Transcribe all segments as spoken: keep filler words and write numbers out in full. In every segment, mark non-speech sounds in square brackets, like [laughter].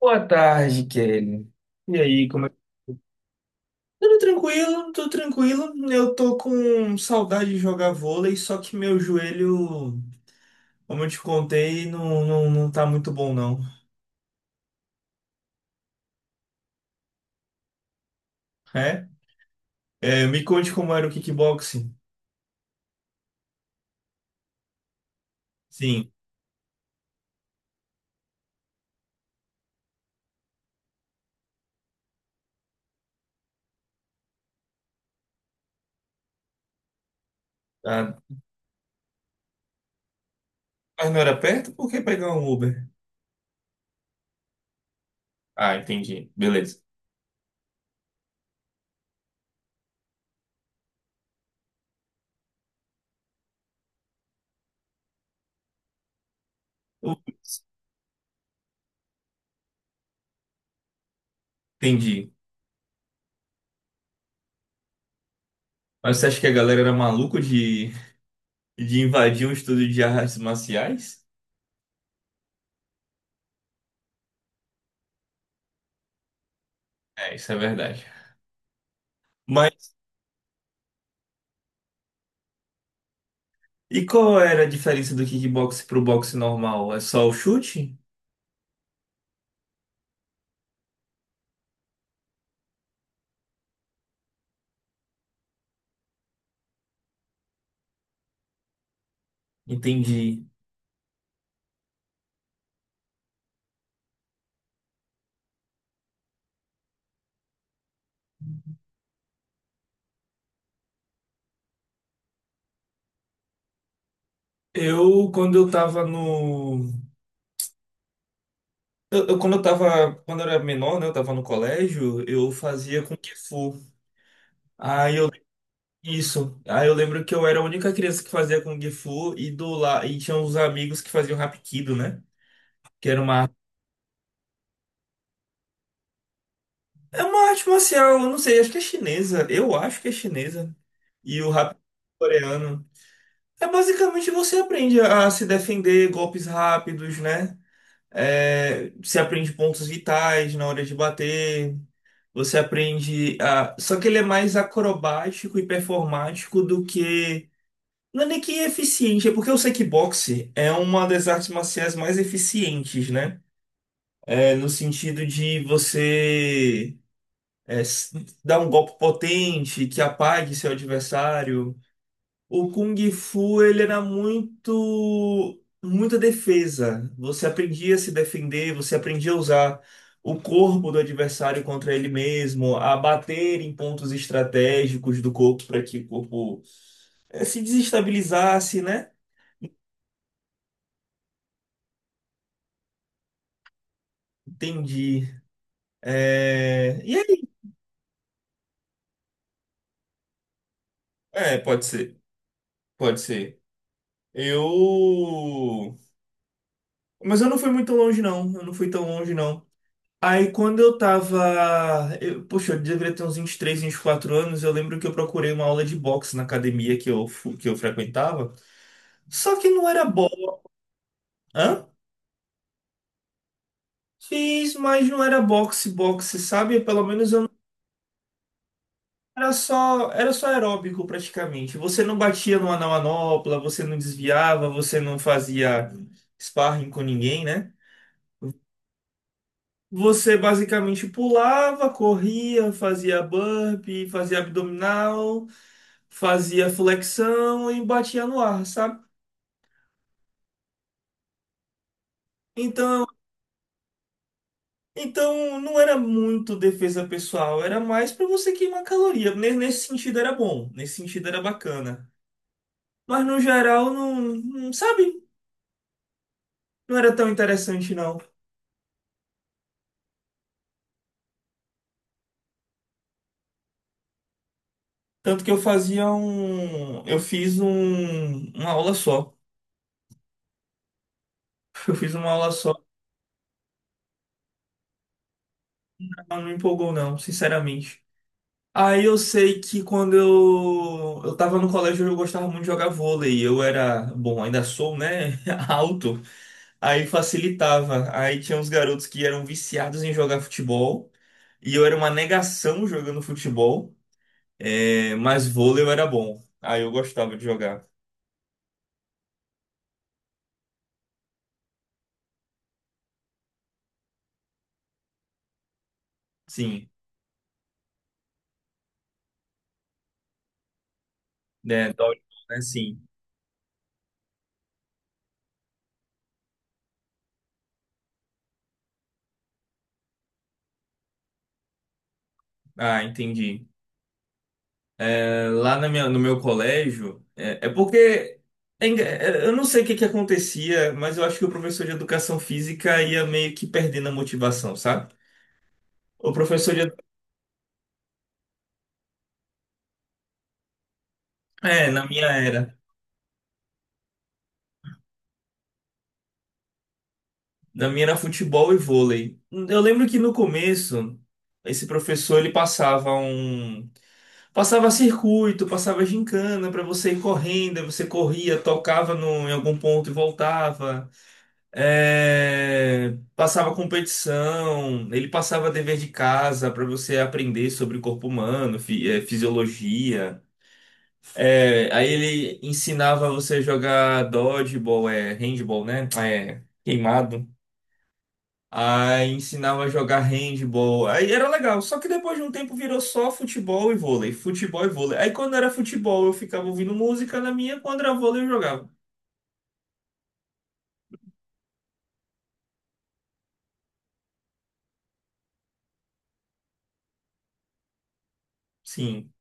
Boa tarde, Kelly. E aí, como é? Tudo tranquilo, tudo tranquilo. Eu tô com saudade de jogar vôlei, só que meu joelho, como eu te contei, não, não, não tá muito bom, não. É? É, me conte como era o kickboxing. Sim. Ah, mas não era perto? Por que pegar um Uber? Ah, entendi. Beleza. Eu. Entendi. Mas você acha que a galera era maluca de, de invadir um estúdio de artes marciais? É, isso é verdade. Mas. E qual era a diferença do kickbox pro boxe normal? É só o chute? Entendi. Eu, quando eu tava no. Eu, eu- quando eu tava. Quando eu era menor, né? Eu tava no colégio, eu fazia Kung Fu. Aí eu. Isso. Aí eu lembro que eu era a única criança que fazia Kung Fu e do lá. E tinha uns amigos que faziam Hapkido, né? Que era uma. É uma arte marcial, eu não sei, acho que é chinesa. Eu acho que é chinesa. E o Hapkido é coreano. É basicamente você aprende a se defender golpes rápidos, né? É, você aprende pontos vitais na hora de bater. Você aprende a. Só que ele é mais acrobático e performático do que. Não é nem que eficiente, é porque o kickboxing é uma das artes marciais mais eficientes, né? É, no sentido de você é, s- dar um golpe potente que apague seu adversário. O Kung Fu, ele era muito, muita defesa. Você aprendia a se defender, você aprendia a usar o corpo do adversário contra ele mesmo, a bater em pontos estratégicos do corpo para que o corpo eh, se desestabilizasse, né? Entendi. É... E aí? É, pode ser, pode ser. Eu. Mas eu não fui muito longe, não. Eu não fui tão longe, não. Aí quando eu tava. Eu, poxa, eu deveria ter uns vinte e três, quatro anos. Eu lembro que eu procurei uma aula de boxe na academia que eu, fu- que eu frequentava. Só que não era boxe. Hã? Fiz, mas não era boxe, boxe, sabe? Pelo menos eu não. Era só, era só aeróbico praticamente. Você não batia numa na manopla, você não desviava, você não fazia sparring com ninguém, né? Você basicamente pulava, corria, fazia burpee, fazia abdominal, fazia flexão e batia no ar, sabe? Então, então não era muito defesa pessoal, era mais para você queimar caloria. Ne- Nesse sentido era bom, nesse sentido era bacana. Mas no geral não, não- sabe? Não era tão interessante não. Tanto que eu fazia um, eu fiz um, uma aula só. [laughs] Eu fiz uma aula só, mas não me empolgou não, sinceramente. Aí eu sei que quando eu, eu tava no colégio eu gostava muito de jogar vôlei. Eu era, bom, ainda sou, né? [laughs] Alto. Aí facilitava. Aí tinha uns garotos que eram viciados em jogar futebol. E eu era uma negação jogando futebol. É, mas vôlei eu era bom. Aí eu gostava de jogar. Sim. Né? Dodgeball, né? Sim. Ah, entendi. É, lá na minha, no meu colégio, é, é porque é enga- é, eu não sei o que que acontecia, mas eu acho que o professor de educação física ia meio que perdendo a motivação, sabe? O professor de, é, na minha era, na minha era futebol e vôlei. Eu lembro que no começo esse professor ele passava um passava circuito, passava gincana para você ir correndo, aí você corria, tocava no, em algum ponto e voltava. É, passava competição, ele passava dever de casa para você aprender sobre o corpo humano, fi- é, fisiologia. É, aí ele ensinava você a jogar dodgeball, é, handball, né? Ah, é, queimado. Aí ensinava a jogar handball. Aí era legal, só que depois de um tempo virou só futebol e vôlei, futebol e vôlei. Aí quando era futebol eu ficava ouvindo música na minha, quando era vôlei eu jogava. Sim,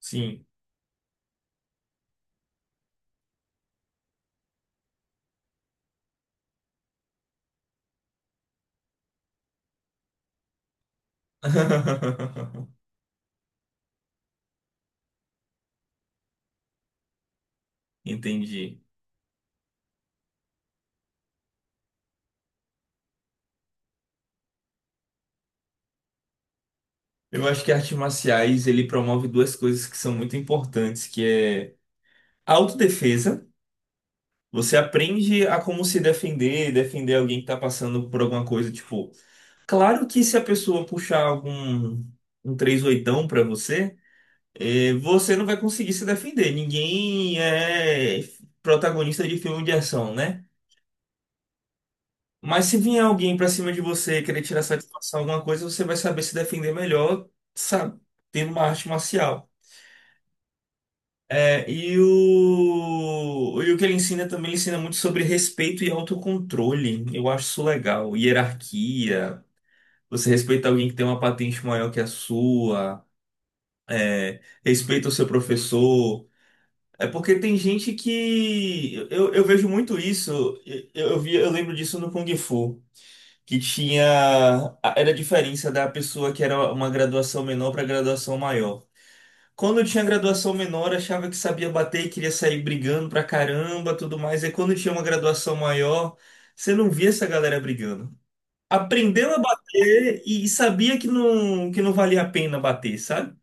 sim. [laughs] Entendi. Eu acho que artes marciais ele promove duas coisas que são muito importantes, que é a autodefesa. Você aprende a como se defender, defender alguém que está passando por alguma coisa, tipo, claro que se a pessoa puxar algum um três oitão para você, eh, você não vai conseguir se defender. Ninguém é protagonista de filme de ação, né? Mas se vier alguém para cima de você querer tirar satisfação alguma coisa, você vai saber se defender melhor, sabe, tendo uma arte marcial. É, e o, e o que ele ensina também, ele ensina muito sobre respeito e autocontrole. Eu acho isso legal. Hierarquia, você respeita alguém que tem uma patente maior que a sua, é, respeita o seu professor. É porque tem gente que. Eu, eu vejo muito isso, eu, eu vi, eu lembro disso no Kung Fu, que tinha. Era a diferença da pessoa que era uma graduação menor para graduação maior. Quando eu tinha graduação menor, achava que sabia bater e queria sair brigando pra caramba, tudo mais. E quando tinha uma graduação maior, você não via essa galera brigando. Aprendeu a bater e sabia que não, que não valia a pena bater, sabe?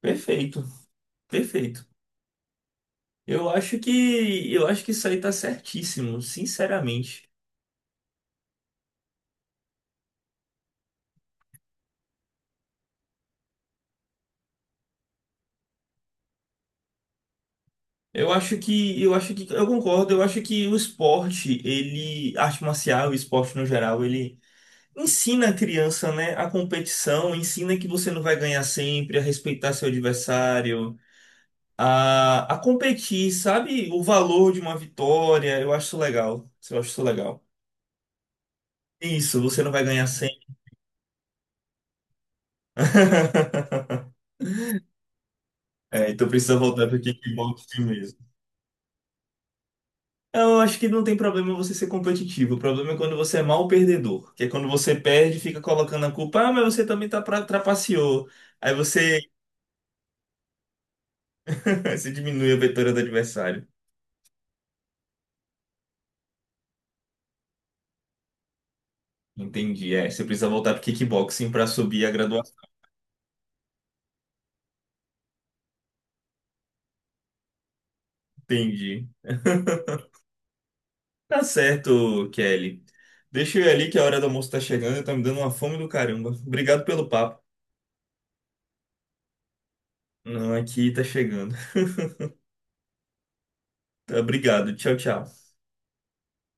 Perfeito, perfeito. Eu acho que eu acho que isso aí tá certíssimo, sinceramente. Eu acho que eu acho que eu concordo, eu acho que o esporte, ele, arte marcial, o esporte no geral, ele ensina a criança, né, a competição, ensina que você não vai ganhar sempre, a respeitar seu adversário, a, a competir, sabe? O valor de uma vitória. Eu acho isso legal. Eu acho isso legal. Isso, você não vai ganhar sempre. [laughs] É, então precisa voltar para kickboxing mesmo. Eu acho que não tem problema você ser competitivo. O problema é quando você é mal perdedor, que é quando você perde, e fica colocando a culpa. Ah, mas você também tá pra, trapaceou. Aí você, [laughs] você diminui a vitória do adversário. Entendi. É, você precisa voltar pro kickboxing para subir a graduação. Entendi. Tá certo, Kelly. Deixa eu ir ali que a hora do almoço tá chegando e tá me dando uma fome do caramba. Obrigado pelo papo. Não, aqui tá chegando. [laughs] Tá, obrigado. Tchau, tchau.